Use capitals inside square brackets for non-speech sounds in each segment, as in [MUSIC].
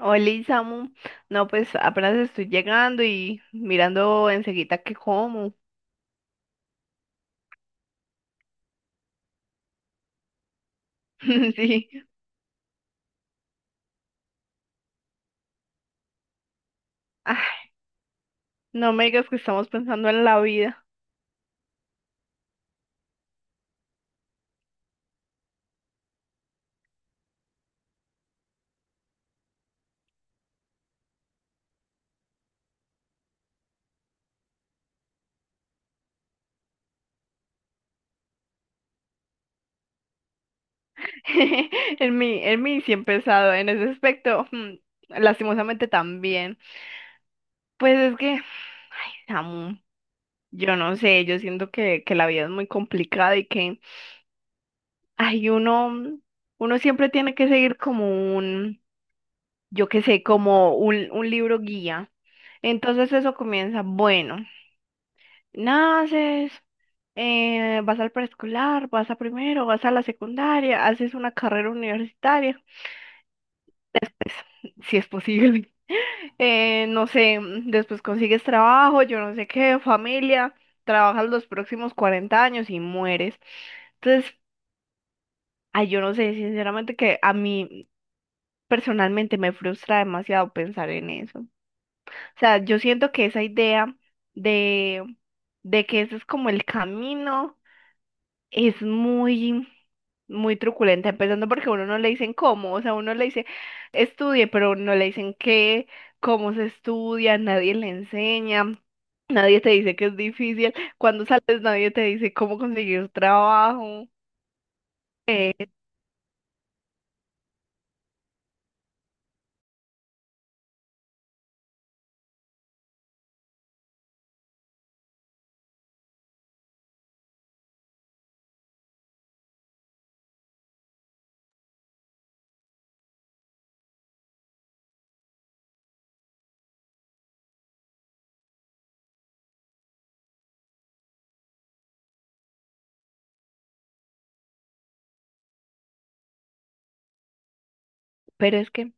Oli, Samu. No, pues apenas estoy llegando y mirando enseguida qué como. [LAUGHS] Sí. Ay, no me digas que estamos pensando en la vida. [LAUGHS] En mí sí he pensado en ese aspecto. Lastimosamente también. Pues es que, Samu, yo no sé, yo siento que la vida es muy complicada y que, ay, uno siempre tiene que seguir como un, yo qué sé, como un libro guía. Entonces eso comienza, bueno. Naces, vas al preescolar, vas a primero, vas a la secundaria, haces una carrera universitaria, pues, [LAUGHS] si es posible. [LAUGHS] No sé, después consigues trabajo, yo no sé qué, familia, trabajas los próximos 40 años y mueres. Entonces, ay, yo no sé, sinceramente que a mí personalmente me frustra demasiado pensar en eso. O sea, yo siento que esa idea de, de que ese es como el camino es muy, muy truculenta, empezando porque a uno no le dicen cómo, o sea, uno le dice estudie, pero no le dicen qué, cómo se estudia, nadie le enseña, nadie te dice que es difícil, cuando sales nadie te dice cómo conseguir trabajo, eh, pero es que,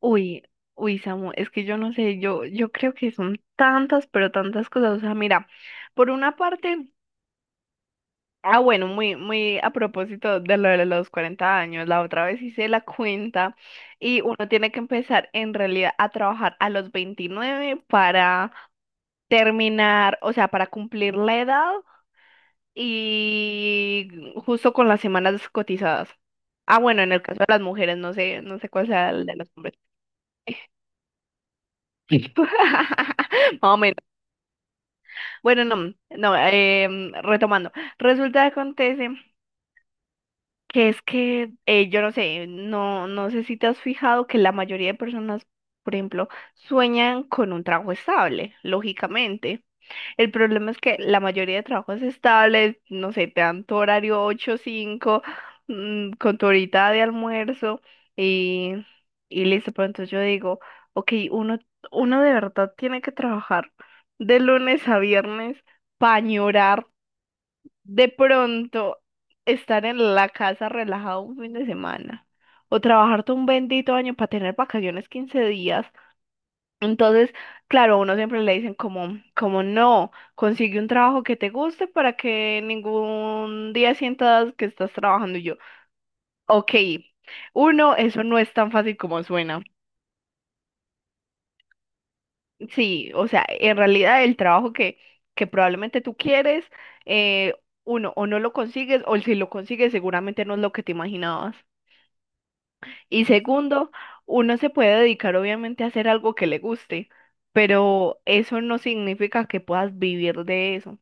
uy, uy, Samu, es que yo no sé, yo creo que son tantas, pero tantas cosas, o sea, mira, por una parte... Ah, bueno, muy, muy a propósito de lo de los 40 años, la otra vez hice la cuenta y uno tiene que empezar en realidad a trabajar a los 29 para terminar, o sea, para cumplir la edad y justo con las semanas cotizadas. Ah, bueno, en el caso de las mujeres, no sé, no sé cuál sea el de los hombres. [LAUGHS] Más o menos. Bueno, no, no, retomando. Resulta que acontece. Que es que, yo no sé, no, no sé si te has fijado que la mayoría de personas, por ejemplo, sueñan con un trabajo estable, lógicamente. El problema es que la mayoría de trabajos estables, no sé, te dan tu horario ocho cinco, con tu horita de almuerzo y, y listo. Pero entonces yo digo, ok, uno de verdad tiene que trabajar de lunes a viernes para de pronto estar en la casa relajado un fin de semana o trabajar todo un bendito año para tener vacaciones 15 días. Entonces, claro, a uno siempre le dicen como, como no, consigue un trabajo que te guste para que ningún día sientas que estás trabajando. Y yo, ok, uno, eso no es tan fácil como suena. Sí, o sea, en realidad el trabajo que probablemente tú quieres, eh, uno, o no lo consigues, o si lo consigues, seguramente no es lo que te imaginabas. Y segundo, uno se puede dedicar obviamente a hacer algo que le guste, pero eso no significa que puedas vivir de eso.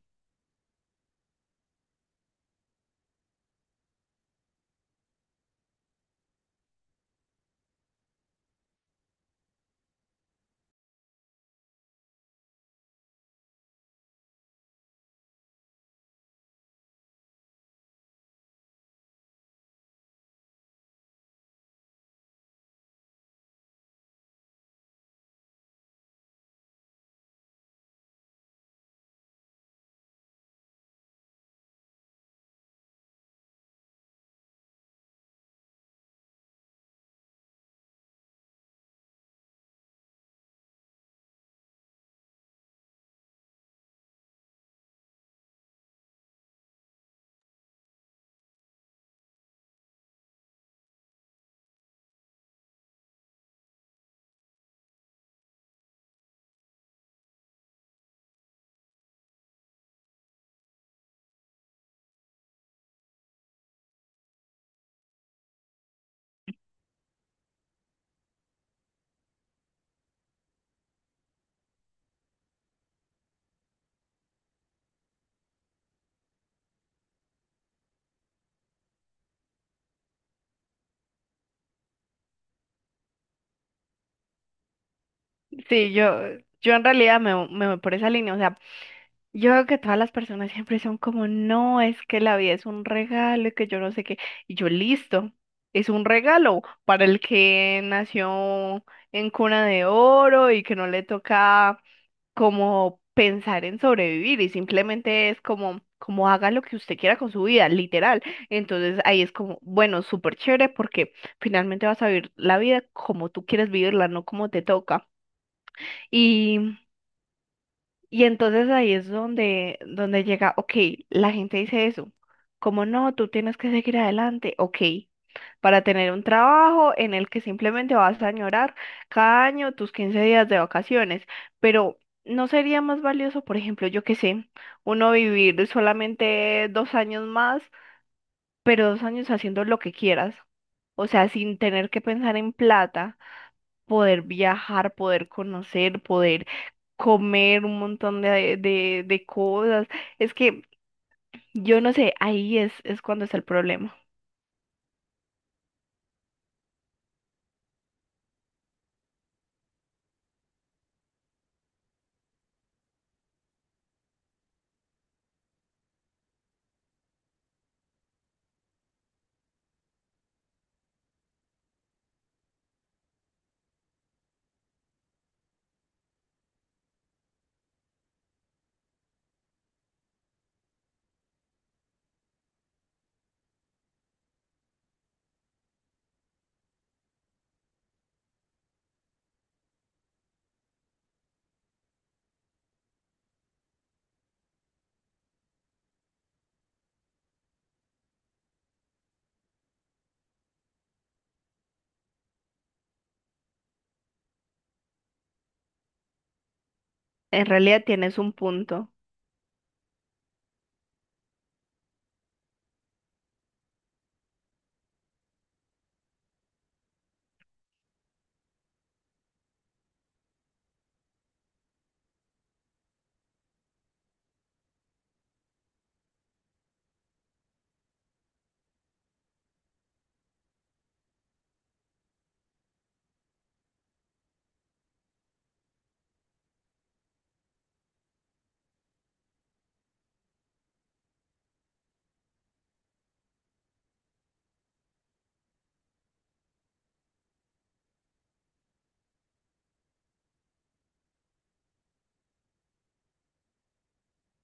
Sí, yo en realidad me voy por esa línea. O sea, yo veo que todas las personas siempre son como, no, es que la vida es un regalo y que yo no sé qué. Y yo, listo, es un regalo para el que nació en cuna de oro y que no le toca como pensar en sobrevivir y simplemente es como, como haga lo que usted quiera con su vida, literal. Entonces ahí es como, bueno, súper chévere porque finalmente vas a vivir la vida como tú quieres vivirla, no como te toca. Y entonces ahí es donde, llega, ok, la gente dice eso, como no, tú tienes que seguir adelante, ok, para tener un trabajo en el que simplemente vas a añorar cada año tus 15 días de vacaciones, pero ¿no sería más valioso, por ejemplo, yo qué sé, uno vivir solamente 2 años más, pero 2 años haciendo lo que quieras, o sea, sin tener que pensar en plata? Poder viajar, poder conocer, poder comer un montón de cosas. Es que yo no sé, ahí es cuando está el problema. En realidad tienes un punto.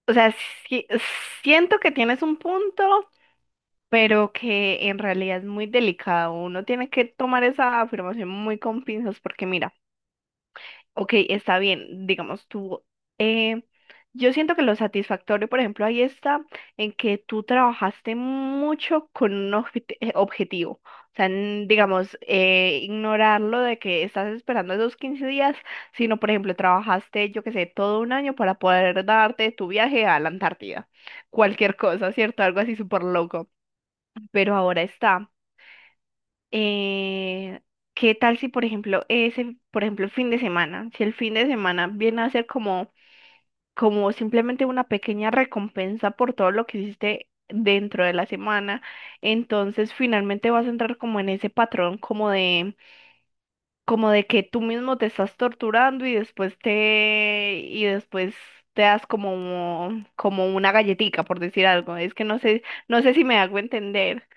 O sea, sí- siento que tienes un punto, pero que en realidad es muy delicado. Uno tiene que tomar esa afirmación muy con pinzas porque mira, ok, está bien, digamos tú. eh, yo siento que lo satisfactorio, por ejemplo, ahí está en que tú trabajaste mucho con un objetivo. O sea, digamos, ignorar lo de que estás esperando esos 15 días, sino, por ejemplo, trabajaste, yo qué sé, todo un año para poder darte tu viaje a la Antártida. Cualquier cosa, ¿cierto? Algo así súper loco. Pero ahora está, eh, ¿qué tal si, por ejemplo, ese, por ejemplo, el fin de semana, si el fin de semana viene a ser como, como simplemente una pequeña recompensa por todo lo que hiciste dentro de la semana, entonces finalmente vas a entrar como en ese patrón, como de, que tú mismo te estás torturando y después te das como, como una galletica, por decir algo. Es que no sé, no sé si me hago entender.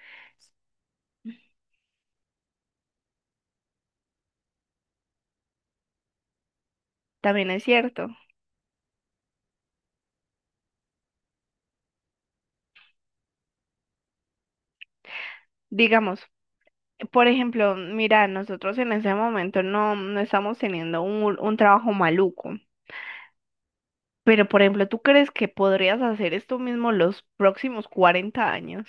También es cierto. Digamos. Por ejemplo, mira, nosotros en ese momento no, no estamos teniendo un trabajo maluco, pero por ejemplo, ¿tú crees que podrías hacer esto mismo los próximos 40 años?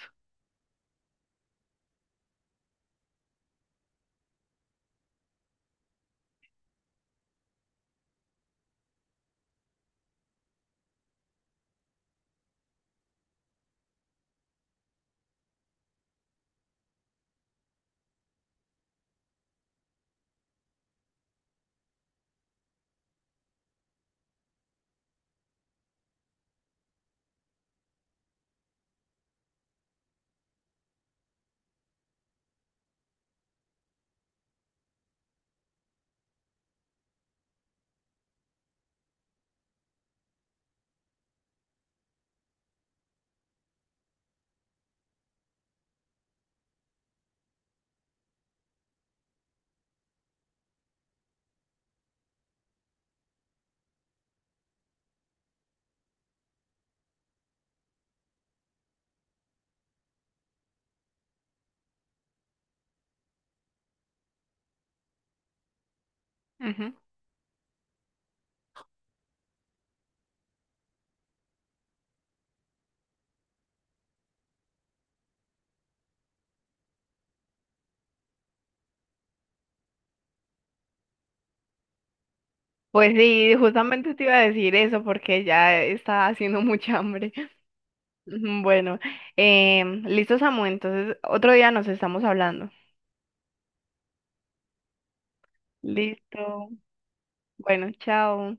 Ujú. Pues sí, justamente te iba a decir eso porque ya está haciendo mucha hambre. [LAUGHS] Bueno, listo, Samu, entonces otro día nos estamos hablando. Listo, bueno, chao.